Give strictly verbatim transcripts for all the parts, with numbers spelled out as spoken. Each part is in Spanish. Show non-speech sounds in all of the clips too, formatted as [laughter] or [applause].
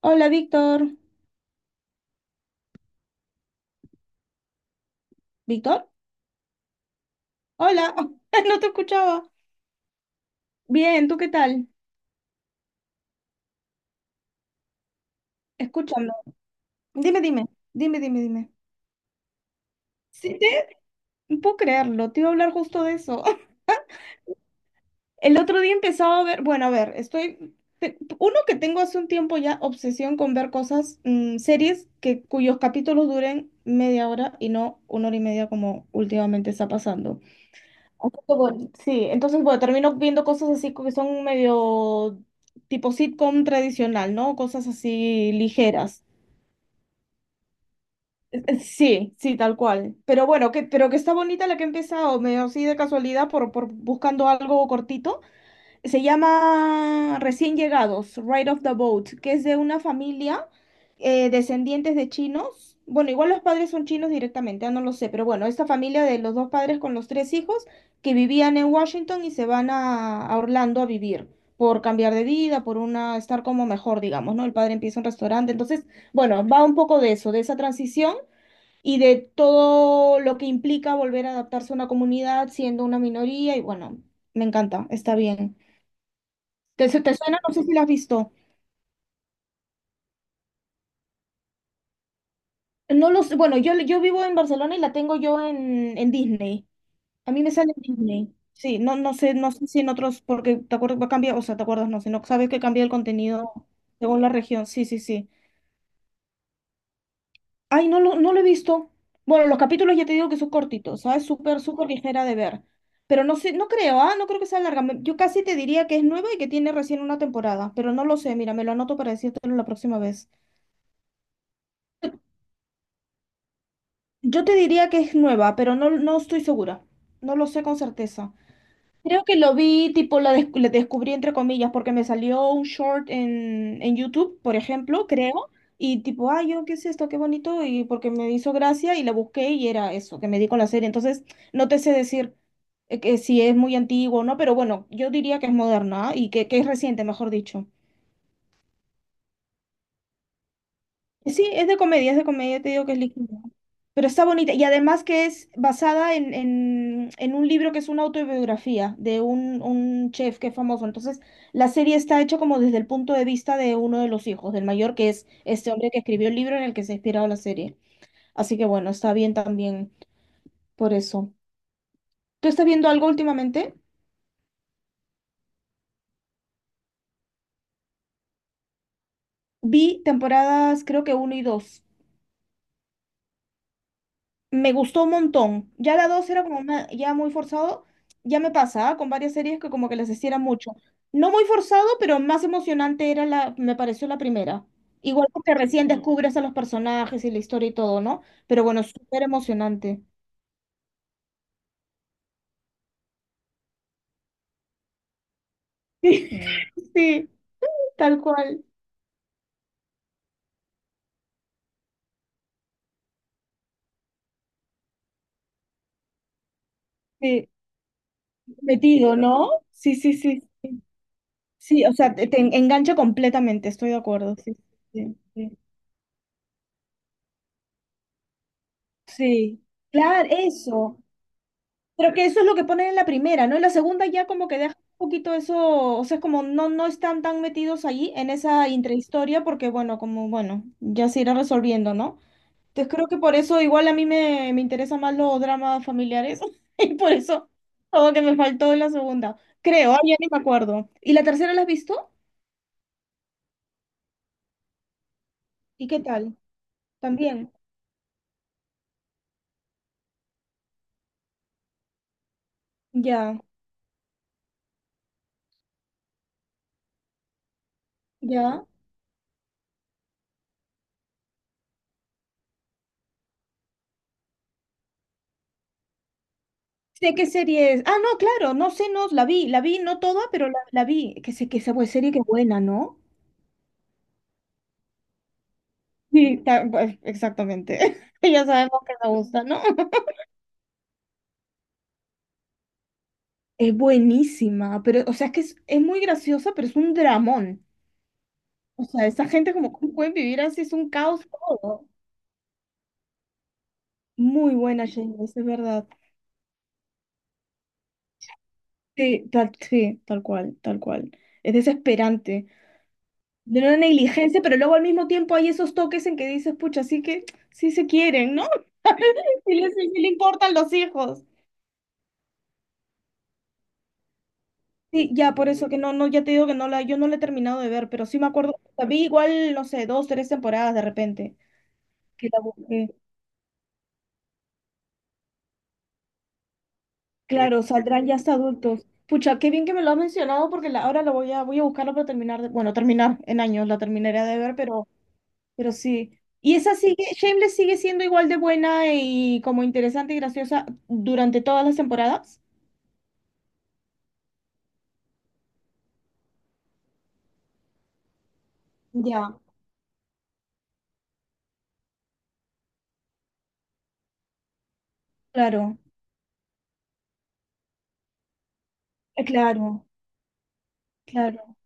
Hola, Víctor. ¿Víctor? Hola, [laughs] no te escuchaba. Bien, ¿tú qué tal? Escúchame. Dime, dime, dime, dime, dime. Sí, te... no Puedo creerlo, te iba a hablar justo de eso. [laughs] El otro día empezaba a ver, bueno, a ver, estoy... te- Uno que tengo hace un tiempo ya obsesión con ver cosas, mm, series que, cuyos capítulos duren media hora y no una hora y media como últimamente está pasando. Un poco boni- Sí, entonces, bueno, termino viendo cosas así que son medio tipo sitcom tradicional, ¿no? Cosas así ligeras. Eh, eh, Sí, sí, tal cual. Pero bueno, que, pero que está bonita la que he empezado, medio así de casualidad por, por buscando algo cortito. Se llama Recién Llegados, Ride of the Boat, que es de una familia eh, descendientes de chinos. Bueno, igual los padres son chinos directamente, ah, no lo sé, pero bueno, esta familia de los dos padres con los tres hijos que vivían en Washington y se van a, a Orlando a vivir por cambiar de vida, por una estar como mejor, digamos, ¿no? El padre empieza un restaurante, entonces, bueno, va un poco de eso, de esa transición y de todo lo que implica volver a adaptarse a una comunidad siendo una minoría y bueno, me encanta, está bien. ¿Te, su- te suena? No sé si la has visto. No los, bueno, yo, yo vivo en Barcelona y la tengo yo en, en Disney. A mí me sale en Disney. Sí, no, no sé, no sé si en otros, porque te acuerdas, va a cambiar, o sea, te acuerdas, no sé, no sabes que cambia el contenido según la región. Sí, sí, sí. Ay, no lo, no lo he visto. Bueno, los capítulos ya te digo que son cortitos, ¿sabes? Súper, súper ligera de ver. Pero no sé, no creo, ¿ah? No creo que sea larga. Me- Yo casi te diría que es nueva y que tiene recién una temporada, pero no lo sé. Mira, me lo anoto para decírtelo la próxima vez. Yo te diría que es nueva, pero no, no estoy segura. No lo sé con certeza. Creo que lo vi, tipo, la, des- la descubrí entre comillas, porque me salió un short en, en, YouTube, por ejemplo, creo. Y tipo, ay, yo, ¿qué es esto? Qué bonito. Y porque me hizo gracia y la busqué y era eso, que me di con la serie. Entonces, no te sé decir eh, que si es muy antiguo o no, pero bueno, yo diría que es moderna y que, que es reciente, mejor dicho. Sí, es de comedia, es de comedia, te digo que es ligera. Pero está bonita. Y además que es basada en, en, en un libro que es una autobiografía de un, un chef que es famoso. Entonces, la serie está hecha como desde el punto de vista de uno de los hijos, del mayor, que es este hombre que escribió el libro en el que se ha inspirado la serie. Así que bueno, está bien también por eso. ¿Tú estás viendo algo últimamente? Vi temporadas, creo que uno y dos. me gustó un montón. Ya la dos era como una- ya muy forzado. Ya me pasaba con varias series que como que les hiciera mucho. No muy forzado, pero más emocionante era la, me pareció la primera. Igual porque recién Ujú. Descubres a los personajes y la historia y todo, ¿no? Pero bueno, súper emocionante. [laughs] Sí, sí, tal cual. Sí, metido, ¿no? Sí, sí, sí. Sí, o sea, te, te engancha completamente, estoy de acuerdo. Sí, sí, sí. Sí, claro, eso. Pero que eso es lo que ponen en la primera, ¿no? En la segunda ya como que deja un poquito eso, o sea, es como no, no están tan metidos ahí en esa intrahistoria porque, bueno, como, bueno, ya se irá resolviendo, ¿no? Entonces creo que por eso igual a mí me, me interesan más los dramas familiares [laughs] y por eso todo que me faltó en la segunda. Creo, ah, ya ni me acuerdo. ¿Y la tercera la has visto? ¿Y qué tal? También. Ya, ya. Sé qué serie es. Ah, no, claro, no sé, no, la vi, la vi, no toda, pero la, la vi. Que sé, que esa pues, serie que buena, ¿no? Sí, ta- pues, exactamente. [laughs] Ya sabemos que nos gusta, ¿no? [laughs] Es buenísima, pero, o sea, es que es, es muy graciosa, pero es un dramón. O sea, esa gente como, ¿cómo pueden vivir así? Es un caos todo. Muy buena, Jane, es verdad. Sí, tal, sí, tal cual, tal cual. Es desesperante. De una negligencia, pero luego al mismo tiempo hay esos toques en que dices, pucha, así que sí se quieren, ¿no? [laughs] Sí les, sí les importan los hijos. Sí, ya por eso que no, no, ya te digo que no la, yo no la he terminado de ver, pero sí me acuerdo, la vi igual, no sé, dos, tres temporadas de repente, que la busqué. Claro, saldrán ya hasta adultos. Pucha, qué bien que me lo has mencionado porque la- ahora lo voy a, voy a buscarlo para terminar, de- bueno, terminar en años, la terminaré de ver, pero, pero sí. Y esa sigue, Shameless sigue siendo igual de buena y como interesante y graciosa durante todas las temporadas. Ya, Claro, eh, claro, claro.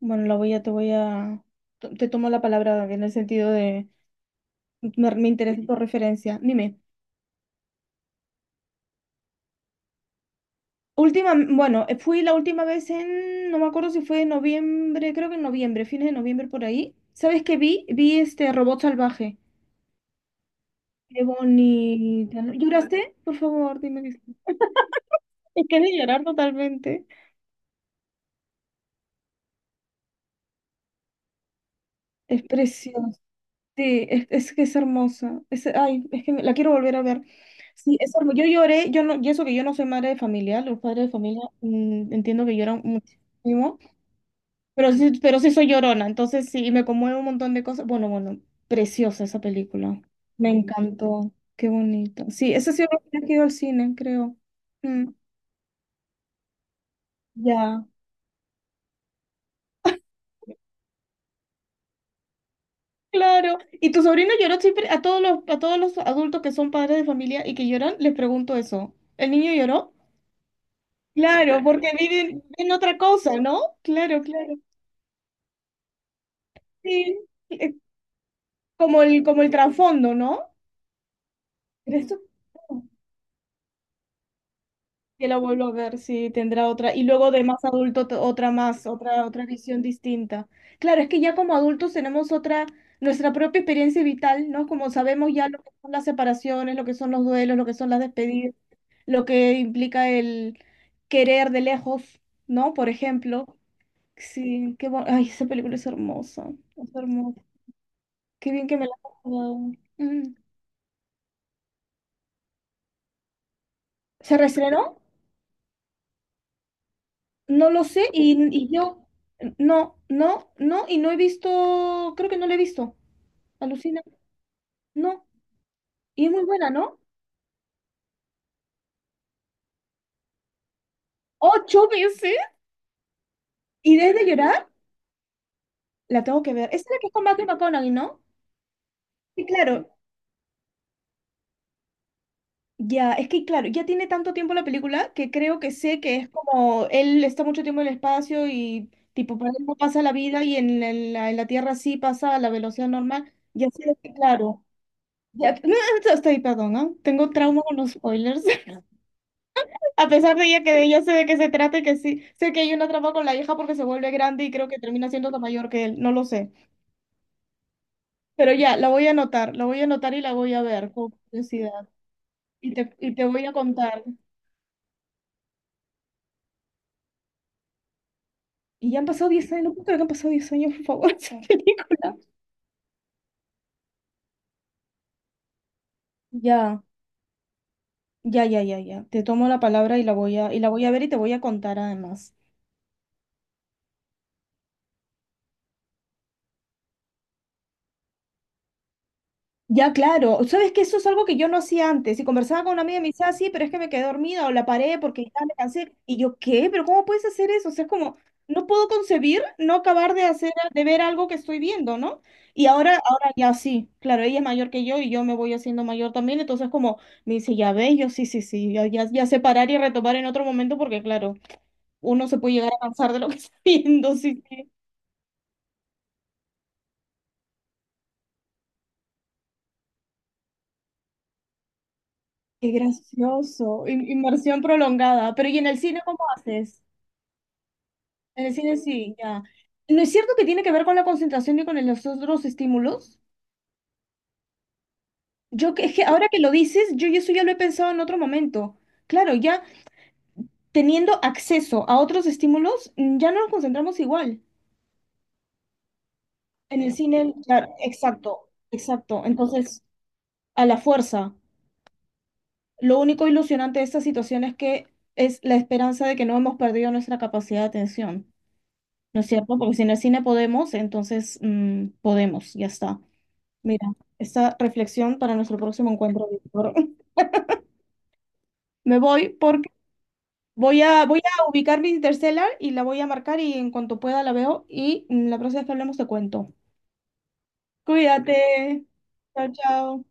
Bueno, la voy a, te voy a, te tomo la palabra en el sentido de. Me, me interesa tu referencia. Dime. Última, bueno, eh, fui la última vez en, no me acuerdo si fue en noviembre, creo que en noviembre, fines de noviembre por ahí. ¿Sabes qué vi? Vi este robot salvaje. Qué bonita. ¿no? ¿Lloraste? Por favor, dime que sí. Es que he de llorar totalmente. Es preciosa. Sí, es, es que es hermosa. Es, ay, es que me- la quiero volver a ver. Sí, es hermosa. Yo lloré, yo no, y eso que yo no soy madre de familia, los padres de familia mm, entiendo que lloran muchísimo. Pero sí, pero sí soy llorona, entonces sí, y me conmueve un montón de cosas. Bueno, bueno, preciosa esa película. Me encantó, qué bonito. Sí, esa sí es la que he ido al cine, creo. Mm, ya, claro. ¿Y tu sobrino lloró siempre? A todos los, a todos los adultos que son padres de familia y que lloran, les pregunto eso. ¿El niño lloró? Claro, porque viven en otra cosa, ¿no? Claro, claro. Sí, eh, como el, como el, trasfondo, ¿no? ¿Crees tú que la vuelvo a ver, si tendrá otra? Y luego de más adulto, t- otra más, otra, otra visión distinta. Claro, es que ya como adultos tenemos otra, nuestra propia experiencia vital, ¿no? Como sabemos ya lo que son las separaciones, lo que son los duelos, lo que son las despedidas, lo que implica el querer de lejos, ¿no? Por ejemplo. Sí, qué bon- ay, esa película es hermosa. Es hermosa. Qué bien que me la has recomendado. Mm. ¿Se reestrenó? No lo sé y, y yo no, no, no, y no he visto, creo que no la he visto. Alucina, no. Y es muy buena, ¿no? Ocho veces. Y desde llorar, la tengo que ver. Esa es la que es con Matthew McConaughey, ¿no? Sí, claro. Ya, es que claro, ya tiene tanto tiempo la película que creo que sé que es como él está mucho tiempo en el espacio y tipo, para él no pasa la vida y en la, en la- en la Tierra sí pasa a la velocidad normal. Ya sé que claro. Ya, [laughs] estoy, perdón, ¿ah? Tengo trauma con los spoilers. [laughs] A pesar de ella que de ella sé de qué se trata y que sí, sé que hay una trampa con la hija porque se vuelve grande y creo que termina siendo la mayor que él, no lo sé. Pero ya, la voy a anotar, la voy a anotar y la voy a ver con curiosidad. Y te, y te voy a contar. Y ya han pasado diez años, no puedo creer que han pasado diez años, por favor, [laughs] esa película. Ya, ya, ya, ya, ya. Te tomo la palabra y la voy a, y la voy a ver y te voy a contar además. Ya, claro. ¿Sabes que Eso es algo que yo no hacía antes? Y conversaba con una amiga y me decía, "Ah, sí, pero es que me quedé dormida o la paré porque ya me cansé". Y yo, ¿qué? ¿Pero cómo puedes hacer eso? O sea, es como, no puedo concebir no acabar de hacer, de ver algo que estoy viendo, ¿no? Y ahora, ahora ya sí. Claro, ella es mayor que yo y yo me voy haciendo mayor también. Entonces, como, me dice, ya ves, yo sí, sí, sí. Ya, ya, ya sé parar y retomar en otro momento porque, claro, uno se puede llegar a cansar de lo que [laughs] está viendo. Sí, sí. Qué gracioso. In- Inmersión prolongada. Pero, ¿y en el cine cómo haces? En el cine sí, ya. ¿No es cierto que tiene que ver con la concentración y con el- los otros estímulos? Yo que, es que ahora que lo dices, yo, yo eso ya lo he pensado en otro momento. Claro, ya teniendo acceso a otros estímulos, mm, ya no nos concentramos igual. En el cine, claro, exacto, exacto. Entonces, a la fuerza. Lo único ilusionante de esta situación es que es la esperanza de que no hemos perdido nuestra capacidad de atención. ¿No es cierto? Porque si en el cine podemos, entonces mm, podemos, ya está. Mira, esta reflexión para nuestro próximo encuentro, Víctor. [laughs] Me voy porque voy a, voy a ubicar mi Interstellar y la voy a marcar y en cuanto pueda la veo y mm, la próxima vez que hablemos te cuento. Cuídate. Chao, chao.